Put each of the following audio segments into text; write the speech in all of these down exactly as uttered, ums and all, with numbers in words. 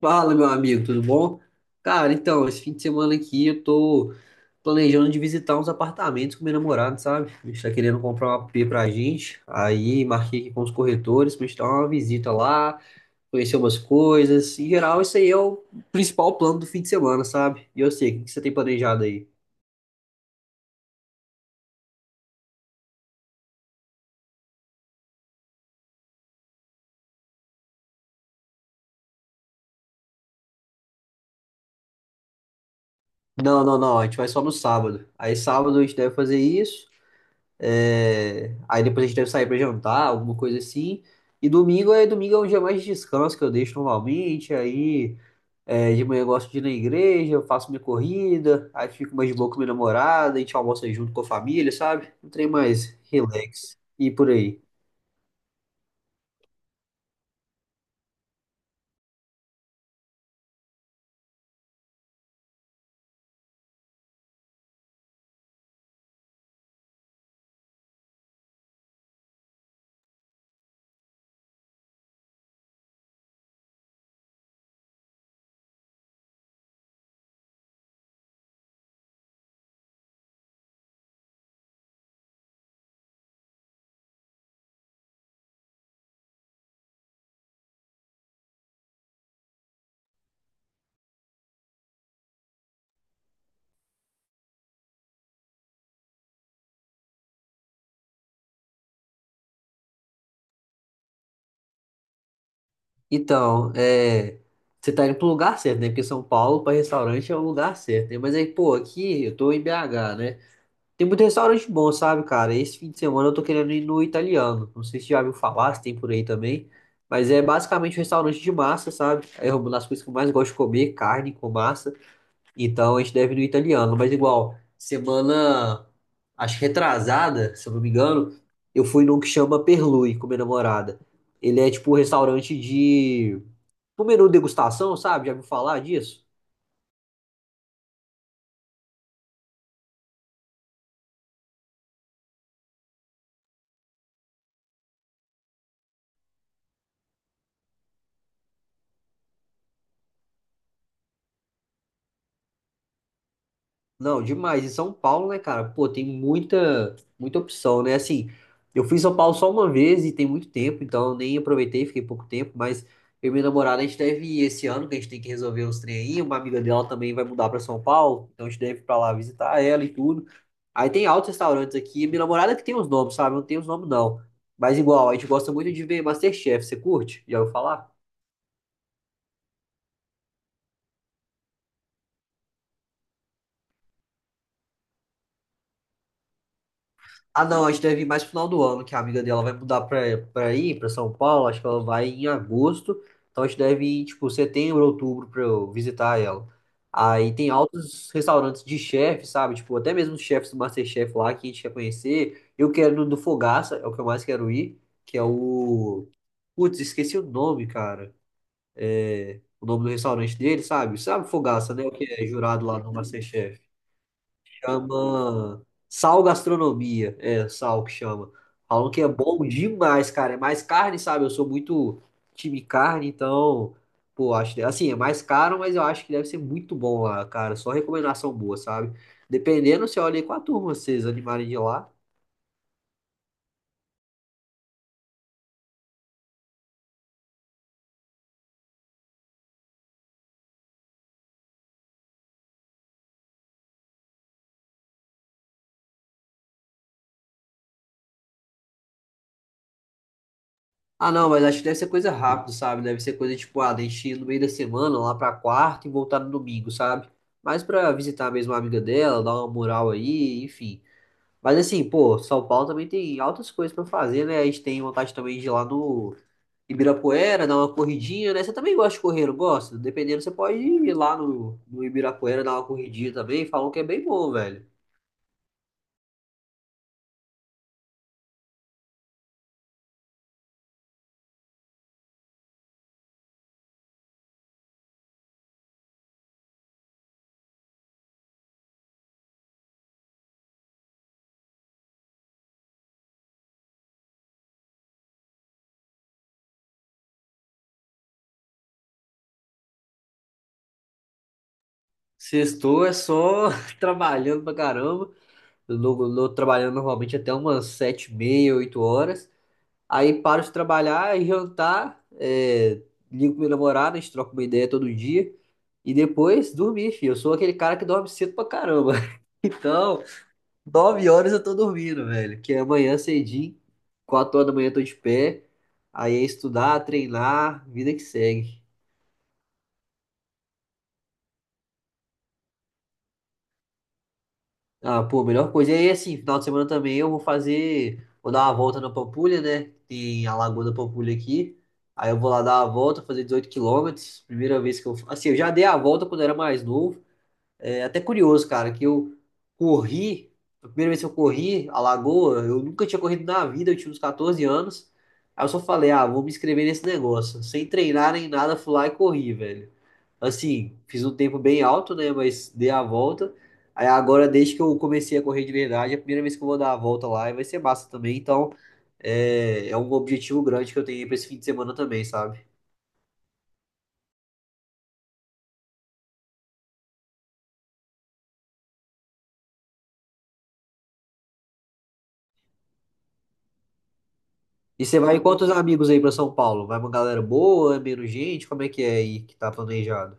Fala, meu amigo, tudo bom? Cara, então, esse fim de semana aqui eu tô planejando de visitar uns apartamentos com meu namorado, sabe? A gente tá querendo comprar um A P pra gente. Aí marquei aqui com os corretores pra gente dar uma visita lá, conhecer umas coisas. Em geral, isso aí é o principal plano do fim de semana, sabe? E eu sei, o que que você tem planejado aí? Não, não, não, a gente vai só no sábado. Aí sábado a gente deve fazer isso. É. Aí depois a gente deve sair pra jantar, alguma coisa assim. E domingo é domingo é um dia mais de descanso que eu deixo normalmente. Aí é, de manhã eu gosto de ir na igreja, eu faço minha corrida, aí fico mais de boa com minha namorada, a gente almoça junto com a família, sabe? Um trem mais relax e por aí. Então, é, você tá indo pro lugar certo, né? Porque São Paulo, pra restaurante, é o lugar certo, né? Mas aí, pô, aqui eu tô em B H, né? Tem muito restaurante bom, sabe, cara? Esse fim de semana eu tô querendo ir no italiano. Não sei se já viu falar, se tem por aí também. Mas é basicamente um restaurante de massa, sabe? É uma das coisas que eu mais gosto de comer, carne com massa. Então a gente deve ir no italiano. Mas igual, semana, acho que retrasada, se eu não me engano, eu fui num que chama Perlui com minha namorada. Ele é tipo um restaurante de... Um menu degustação, sabe? Já viu falar disso? Não, demais. E São Paulo, né, cara? Pô, tem muita, muita opção, né? Assim, eu fui em São Paulo só uma vez e tem muito tempo, então eu nem aproveitei, fiquei pouco tempo, mas eu e minha namorada, a gente deve ir esse ano, que a gente tem que resolver uns trem aí. Uma amiga dela também vai mudar pra São Paulo, então a gente deve ir pra lá visitar ela e tudo. Aí tem altos restaurantes aqui. Minha namorada que tem os nomes, sabe? Eu não tem os nomes, não. Mas igual, a gente gosta muito de ver MasterChef. Você curte? Já ouviu falar? Ah, não, a gente deve ir mais pro final do ano, que a amiga dela vai mudar pra, pra aí, pra São Paulo. Acho que ela vai em agosto. Então a gente deve ir, tipo, setembro, outubro pra eu visitar ela. Aí tem altos restaurantes de chefe, sabe? Tipo, até mesmo os chefes do MasterChef lá que a gente quer conhecer. Eu quero no do Fogaça, é o que eu mais quero ir, que é o. Putz, esqueci o nome, cara. O nome do restaurante dele, sabe? Sabe Fogaça, né? O que é jurado lá no MasterChef. Chama sal gastronomia. É, sal que chama. Falam que é bom demais, cara. É mais carne, sabe? Eu sou muito time carne, então, pô, acho, assim, é mais caro, mas eu acho que deve ser muito bom lá, cara. Só recomendação boa, sabe? Dependendo, você olha aí com a turma, vocês animarem de ir lá. Ah, não, mas acho que deve ser coisa rápida, sabe? Deve ser coisa tipo, ah, deixa ir no meio da semana, lá pra quarta e voltar no domingo, sabe? Mas pra visitar mesmo a amiga dela, dar uma moral aí, enfim. Mas assim, pô, São Paulo também tem altas coisas pra fazer, né? A gente tem vontade também de ir lá no Ibirapuera, dar uma corridinha, né? Você também gosta de correr, não gosta? Dependendo, você pode ir lá no, no Ibirapuera, dar uma corridinha também. Falam que é bem bom, velho. Sextou é só trabalhando pra caramba. Eu não- não- Trabalhando normalmente até umas sete e meia, oito horas. Aí paro de trabalhar e jantar, é, ligo pra minha namorada, a gente troca uma ideia todo dia. E depois dormir, filho. Eu sou aquele cara que dorme cedo pra caramba. Então, nove horas eu tô dormindo, velho. Que é amanhã cedinho, quatro horas da manhã eu tô de pé. Aí é estudar, treinar, vida que segue. Ah, pô, melhor coisa. E aí, assim, final de semana também eu vou fazer. Vou dar uma volta na Pampulha, né? Tem a Lagoa da Pampulha aqui. Aí eu vou lá dar a volta, fazer dezoito quilômetros. Primeira vez que eu. Assim, eu já dei a volta quando eu era mais novo. É até curioso, cara, que eu corri, a primeira vez que eu corri a Lagoa, eu nunca tinha corrido na vida, eu tinha uns catorze anos. Aí eu só falei, ah, vou me inscrever nesse negócio. Sem treinar nem nada, fui lá e corri, velho. Assim, fiz um tempo bem alto, né, mas dei a volta. Aí agora, desde que eu comecei a correr de verdade, é a primeira vez que eu vou dar a volta lá e vai ser massa também. Então, é, é um objetivo grande que eu tenho aí pra esse fim de semana também, sabe? E você vai em quantos amigos aí pra São Paulo? Vai uma galera boa? É menos gente? Como é que é aí que tá planejado?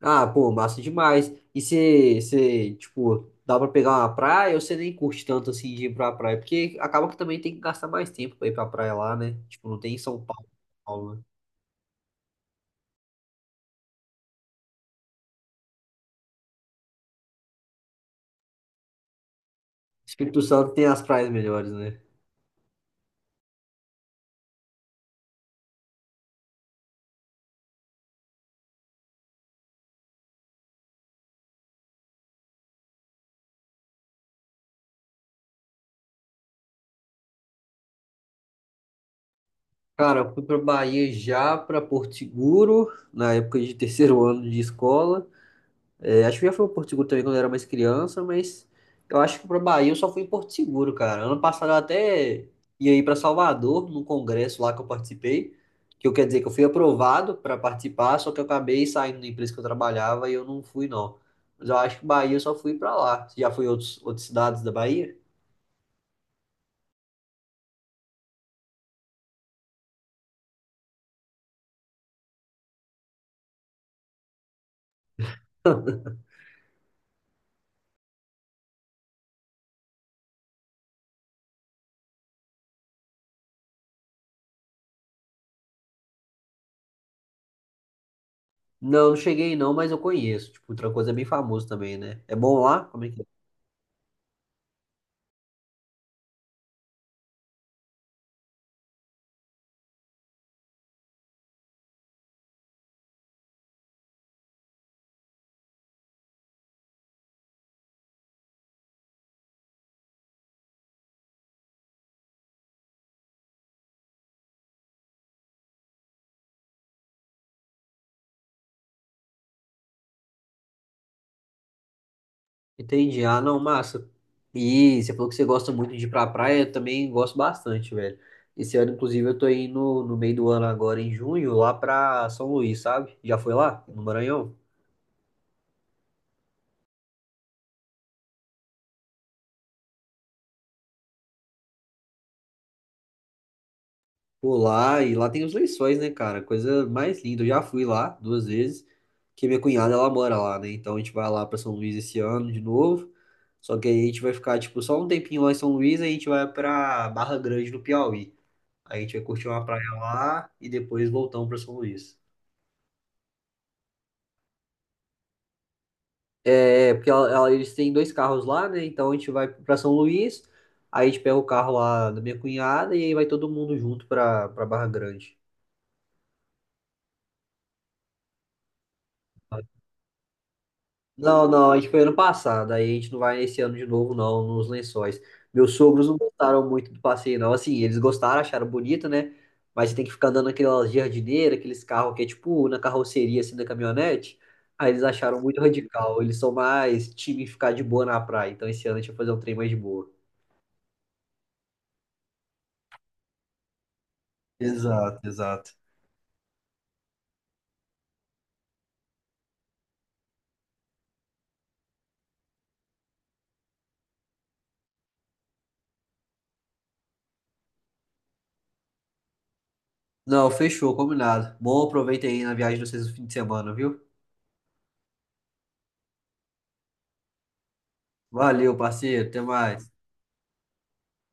Ah, pô, massa demais. E você, você, tipo, dá pra pegar uma praia ou você nem curte tanto assim de ir pra praia? Porque acaba que também tem que gastar mais tempo pra ir pra praia lá, né? Tipo, não tem em São Paulo, São Paulo, né? Espírito Santo tem as praias melhores, né? Cara, eu fui pra Bahia já, pra Porto Seguro, na época de terceiro ano de escola. É, acho que eu já fui ao Porto Seguro também quando eu era mais criança, mas eu acho que pra Bahia eu só fui em Porto Seguro, cara. Ano passado eu até ia ir pra Salvador, num congresso lá que eu participei, que eu quero dizer que eu fui aprovado pra participar, só que eu acabei saindo da empresa que eu trabalhava e eu não fui, não. Mas eu acho que Bahia eu só fui pra lá. Você já foi em outros, outras cidades da Bahia? Não, não cheguei não, mas eu conheço. Tipo, Trancoso é bem famoso também, né? É bom lá? Como é que é? Entendi. Ah, não, massa. E você falou que você gosta muito de ir pra praia, eu também gosto bastante, velho. Esse ano, inclusive, eu tô indo no no meio do ano agora, em junho, lá pra São Luís, sabe? Já foi lá, no Maranhão? Pô, lá, e lá tem os lençóis, né, cara? Coisa mais linda. Eu já fui lá duas vezes, que minha cunhada, ela mora lá, né? Então a gente vai lá pra São Luís esse ano de novo. Só que aí a gente vai ficar, tipo, só um tempinho lá em São Luís, aí a gente vai pra Barra Grande, no Piauí. Aí a gente vai curtir uma praia lá e depois voltamos pra São Luís. É, é, porque ela- ela- eles têm dois carros lá, né? Então a gente vai pra São Luís, aí a gente pega o carro lá da minha cunhada e aí vai todo mundo junto pra, pra Barra Grande. Não, não, a gente foi ano passado, aí a gente não vai esse ano de novo, não, nos Lençóis. Meus sogros não gostaram muito do passeio, não. Assim, eles gostaram, acharam bonito, né? Mas você tem que ficar andando naquelas jardineiras, aqueles carros que é tipo na carroceria, assim, da caminhonete. Aí eles acharam muito radical. Eles são mais time ficar de boa na praia. Então esse ano a gente vai fazer um trem mais de boa. Exato, exato. Não, fechou, combinado. Bom, aproveita aí na viagem de vocês no fim de semana, viu? Valeu, parceiro, até mais.